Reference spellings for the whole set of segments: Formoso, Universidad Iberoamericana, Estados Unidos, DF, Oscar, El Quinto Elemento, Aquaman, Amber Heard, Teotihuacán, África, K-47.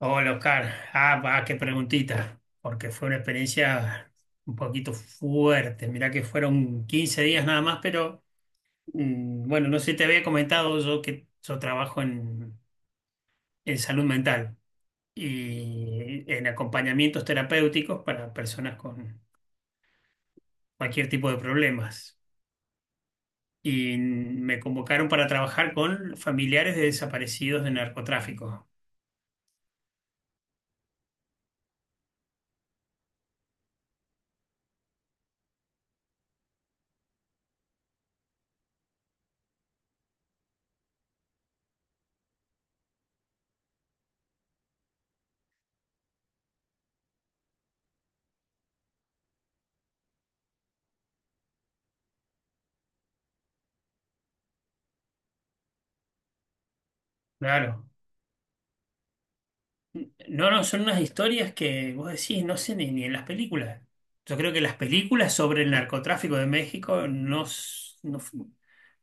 Hola Oscar, va, qué preguntita, porque fue una experiencia un poquito fuerte. Mirá que fueron 15 días nada más, pero bueno, no sé si te había comentado yo que yo trabajo en salud mental y en acompañamientos terapéuticos para personas con cualquier tipo de problemas. Y me convocaron para trabajar con familiares de desaparecidos de narcotráfico. Claro. No, no, son unas historias que vos decís, no sé, ni en las películas. Yo creo que las películas sobre el narcotráfico de México no, no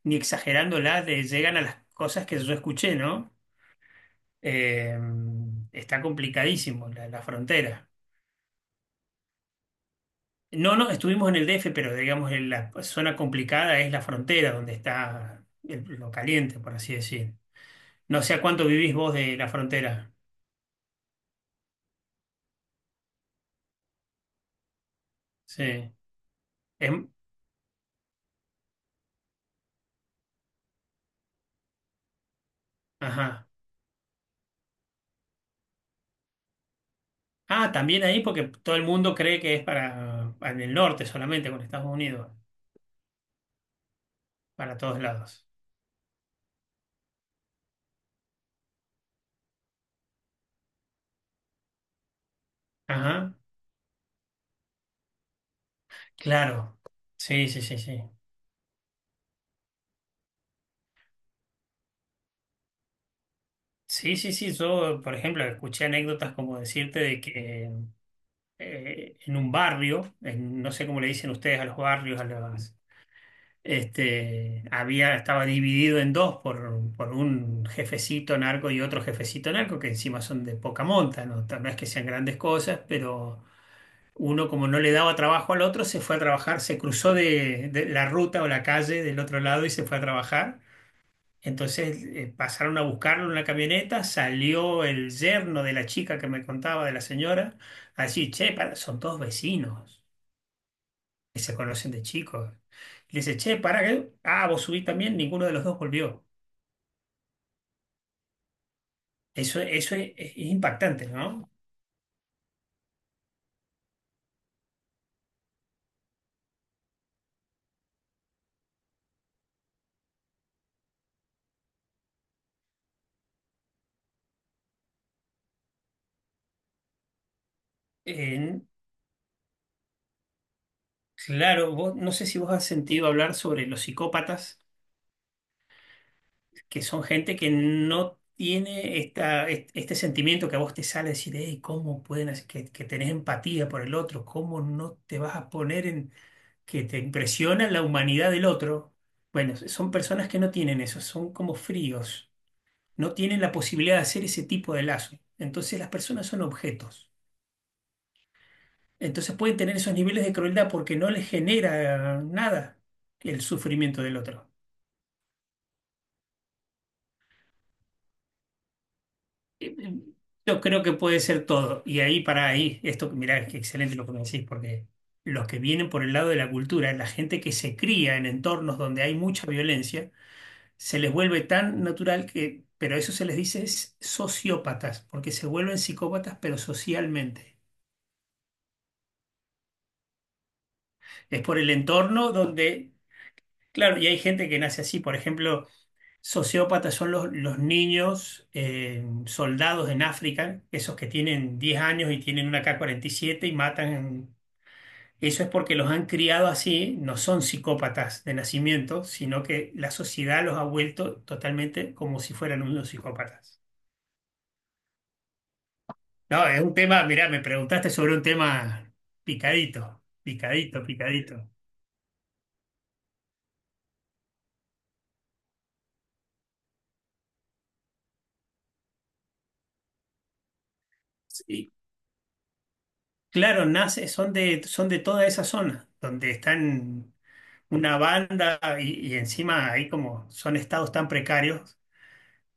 ni exagerándolas, llegan a las cosas que yo escuché, ¿no? Eh, Está complicadísimo la frontera. No, no, estuvimos en el DF, pero digamos, en la zona complicada es la frontera, donde está lo caliente, por así decir. No sé a cuánto vivís vos de la frontera. Sí. Em, ajá. Ah, también ahí porque todo el mundo cree que es para, en el norte solamente, con Estados Unidos, para todos lados. Ajá, claro. Sí, sí, sí, sí. Sí, sí, sí. Yo, por ejemplo, escuché anécdotas como decirte de que en un barrio, no sé cómo le dicen ustedes a los barrios, a las, este, había, estaba dividido en dos por un jefecito narco y otro jefecito narco, que encima son de poca monta, ¿no? No es que sean grandes cosas, pero uno, como no le daba trabajo al otro, se fue a trabajar, se cruzó de la ruta o la calle del otro lado y se fue a trabajar. Entonces pasaron a buscarlo en una camioneta, salió el yerno de la chica que me contaba, de la señora, así, che, para, son todos vecinos que se conocen de chicos. Y le dice, che, para, que, vos subís también, ninguno de los dos volvió. Eso es impactante, ¿no? En- claro, vos, no sé si vos has sentido hablar sobre los psicópatas que son gente que no tiene este sentimiento que a vos te sale decir, hey, ¿cómo pueden hacer que tenés empatía por el otro? ¿Cómo no te vas a poner en que te impresiona la humanidad del otro? Bueno, son personas que no tienen eso, son como fríos, no tienen la posibilidad de hacer ese tipo de lazo. Entonces las personas son objetos. Entonces pueden tener esos niveles de crueldad porque no les genera nada el sufrimiento del otro. eh, eh, Yo creo que puede ser todo. Y ahí para ahí, esto, mirá, es que excelente lo que me decís, porque los que vienen por el lado de la cultura, la gente que se cría en entornos donde hay mucha violencia, se les vuelve tan natural que, pero eso se les dice es sociópatas, porque se vuelven psicópatas, pero socialmente. Es por el entorno donde, claro, y hay gente que nace así, por ejemplo. Sociópatas son los niños soldados en África, esos que tienen 10 años y tienen una K-47 y siete y matan. Eso es porque los han criado así, no son psicópatas de nacimiento, sino que la sociedad los ha vuelto totalmente como si fueran unos psicópatas. No, es un tema, mirá, me preguntaste sobre un tema picadito, picadito, picadito. Sí. Claro, nace, son de toda esa zona, donde están una banda y encima ahí como son estados tan precarios,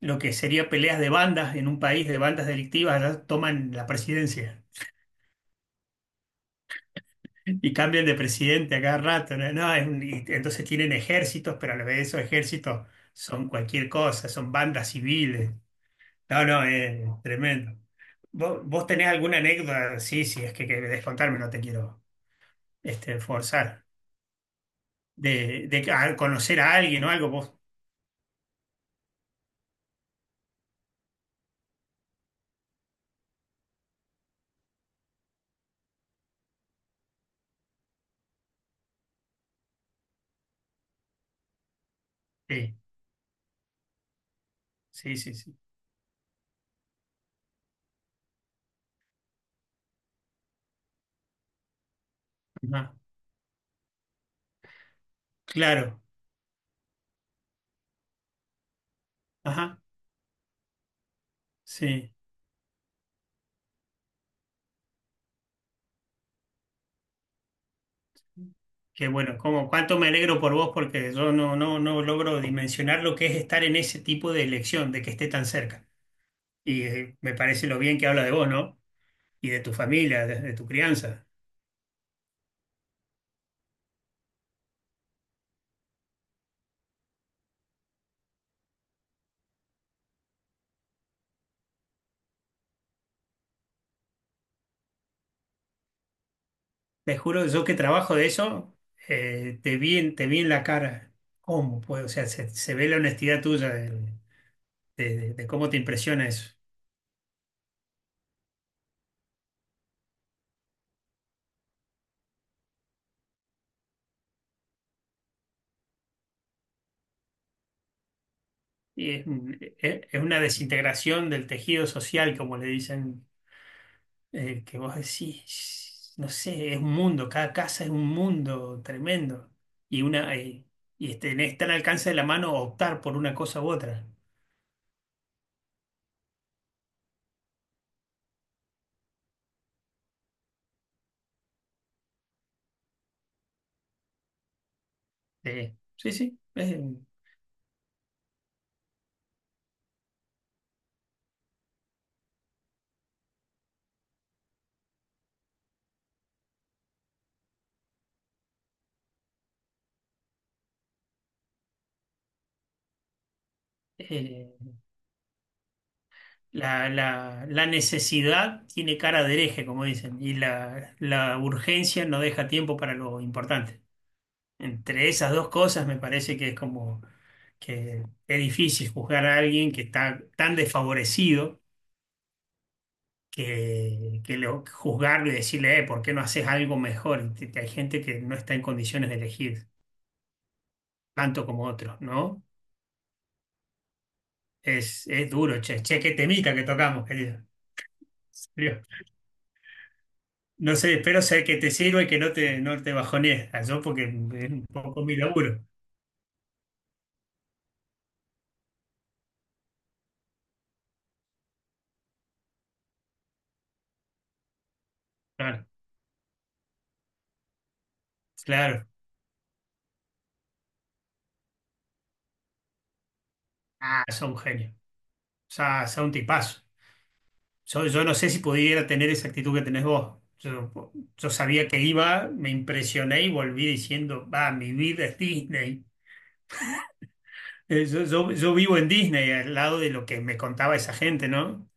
lo que sería peleas de bandas en un país de bandas delictivas, ya toman la presidencia y cambian de presidente a cada rato, ¿no? No, es y entonces tienen ejércitos, pero a la vez esos ejércitos son cualquier cosa, son bandas civiles. No, no, es tremendo. ¿Vos, vos tenés alguna anécdota? Sí, sí, es que querés contarme, no te quiero este, forzar. Conocer a alguien o algo, vos. Sí, sí, sí, sí. Ajá, claro. Ajá, sí. Que bueno, como cuánto me alegro por vos porque yo no, no, no logro dimensionar lo que es estar en ese tipo de elección, de que esté tan cerca. Y me parece lo bien que habla de vos, ¿no? Y de tu familia, de tu crianza. Te juro, yo que trabajo de eso, te vi en la cara. ¿Cómo puedo? O sea, se ve la honestidad tuya de, de cómo te impresiona eso. Y es, es una desintegración del tejido social, como le dicen que vos decís, no sé, es un mundo, cada casa es un mundo tremendo. Y una y tenés tan al alcance de la mano optar por una cosa u otra. Sí, sí. Eh, la necesidad tiene cara de hereje, como dicen, y la urgencia no deja tiempo para lo importante. Entre esas dos cosas me parece que es como que es difícil juzgar a alguien que está tan desfavorecido que juzgarlo y decirle, ¿por qué no haces algo mejor? Y hay gente que no está en condiciones de elegir tanto como otros, ¿no? Es duro, che, che, qué temita que tocamos, querido. En serio. No sé, espero sé que te sirva y que no te, no te bajonees, yo porque es un poco mi laburo. Claro, claro. Ah, sos un genio. O sea, sos un tipazo. Yo no sé si pudiera tener esa actitud que tenés vos. Yo sabía que iba, me impresioné y volví diciendo, va, mi vida es Disney. Yo, yo vivo en Disney, al lado de lo que me contaba esa gente, ¿no?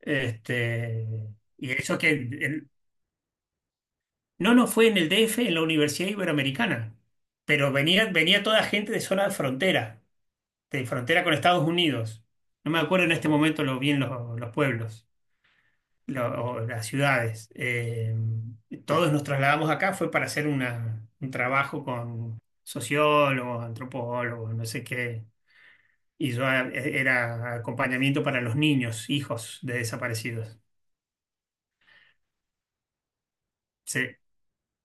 Este, y eso que no, no fue en el DF, en la Universidad Iberoamericana, pero venía, venía toda gente de zona de frontera con Estados Unidos. No me acuerdo en este momento lo bien los pueblos, o las ciudades. Todos nos trasladamos acá, fue para hacer una, un trabajo con sociólogos, antropólogos, no sé qué. Y yo era acompañamiento para los niños, hijos de desaparecidos. Sí.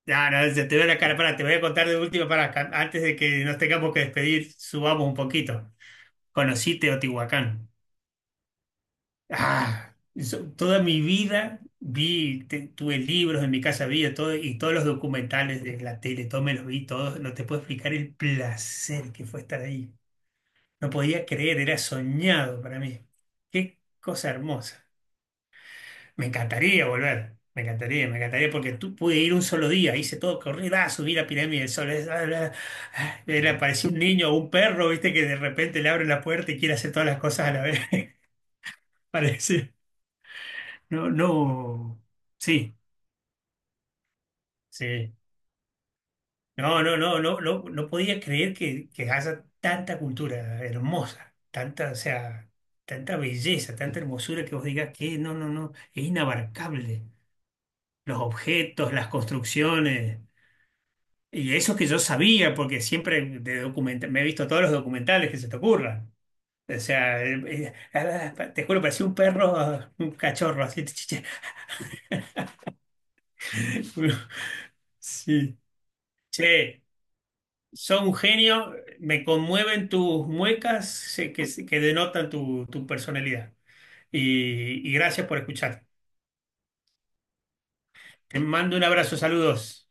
Ya, no, ya te veo la cara, pará, te voy a contar de última, para antes de que nos tengamos que despedir, subamos un poquito. Conocí Teotihuacán. Ah, yo toda mi vida vi, tuve libros en mi casa, vi de todo, y todos los documentales de la tele, todos me los vi, todos, no te puedo explicar el placer que fue estar ahí. No podía creer, era soñado para mí. Qué cosa hermosa. Me encantaría volver, me encantaría porque tú pude ir un solo día, hice todo, corrí, ah, subí la pirámide del Sol, ah, bla, ah, le apareció un niño o un perro, viste, que de repente le abre la puerta y quiere hacer todas las cosas a la vez, parece. No, no, sí, sí. No, no, no, no, no, no podía creer que haya tanta cultura hermosa, tanta, o sea, tanta belleza, tanta hermosura que vos digas que no, no, no, es inabarcable. Los objetos, las construcciones. Y eso que yo sabía, porque siempre me he visto todos los documentales que se te ocurran. O sea, te juro, parecía un perro, un cachorro, así. chi, chi, chi. Sí. Che, sos un genio, me conmueven tus muecas que denotan tu, tu personalidad. Y gracias por escuchar. Te mando un abrazo, saludos.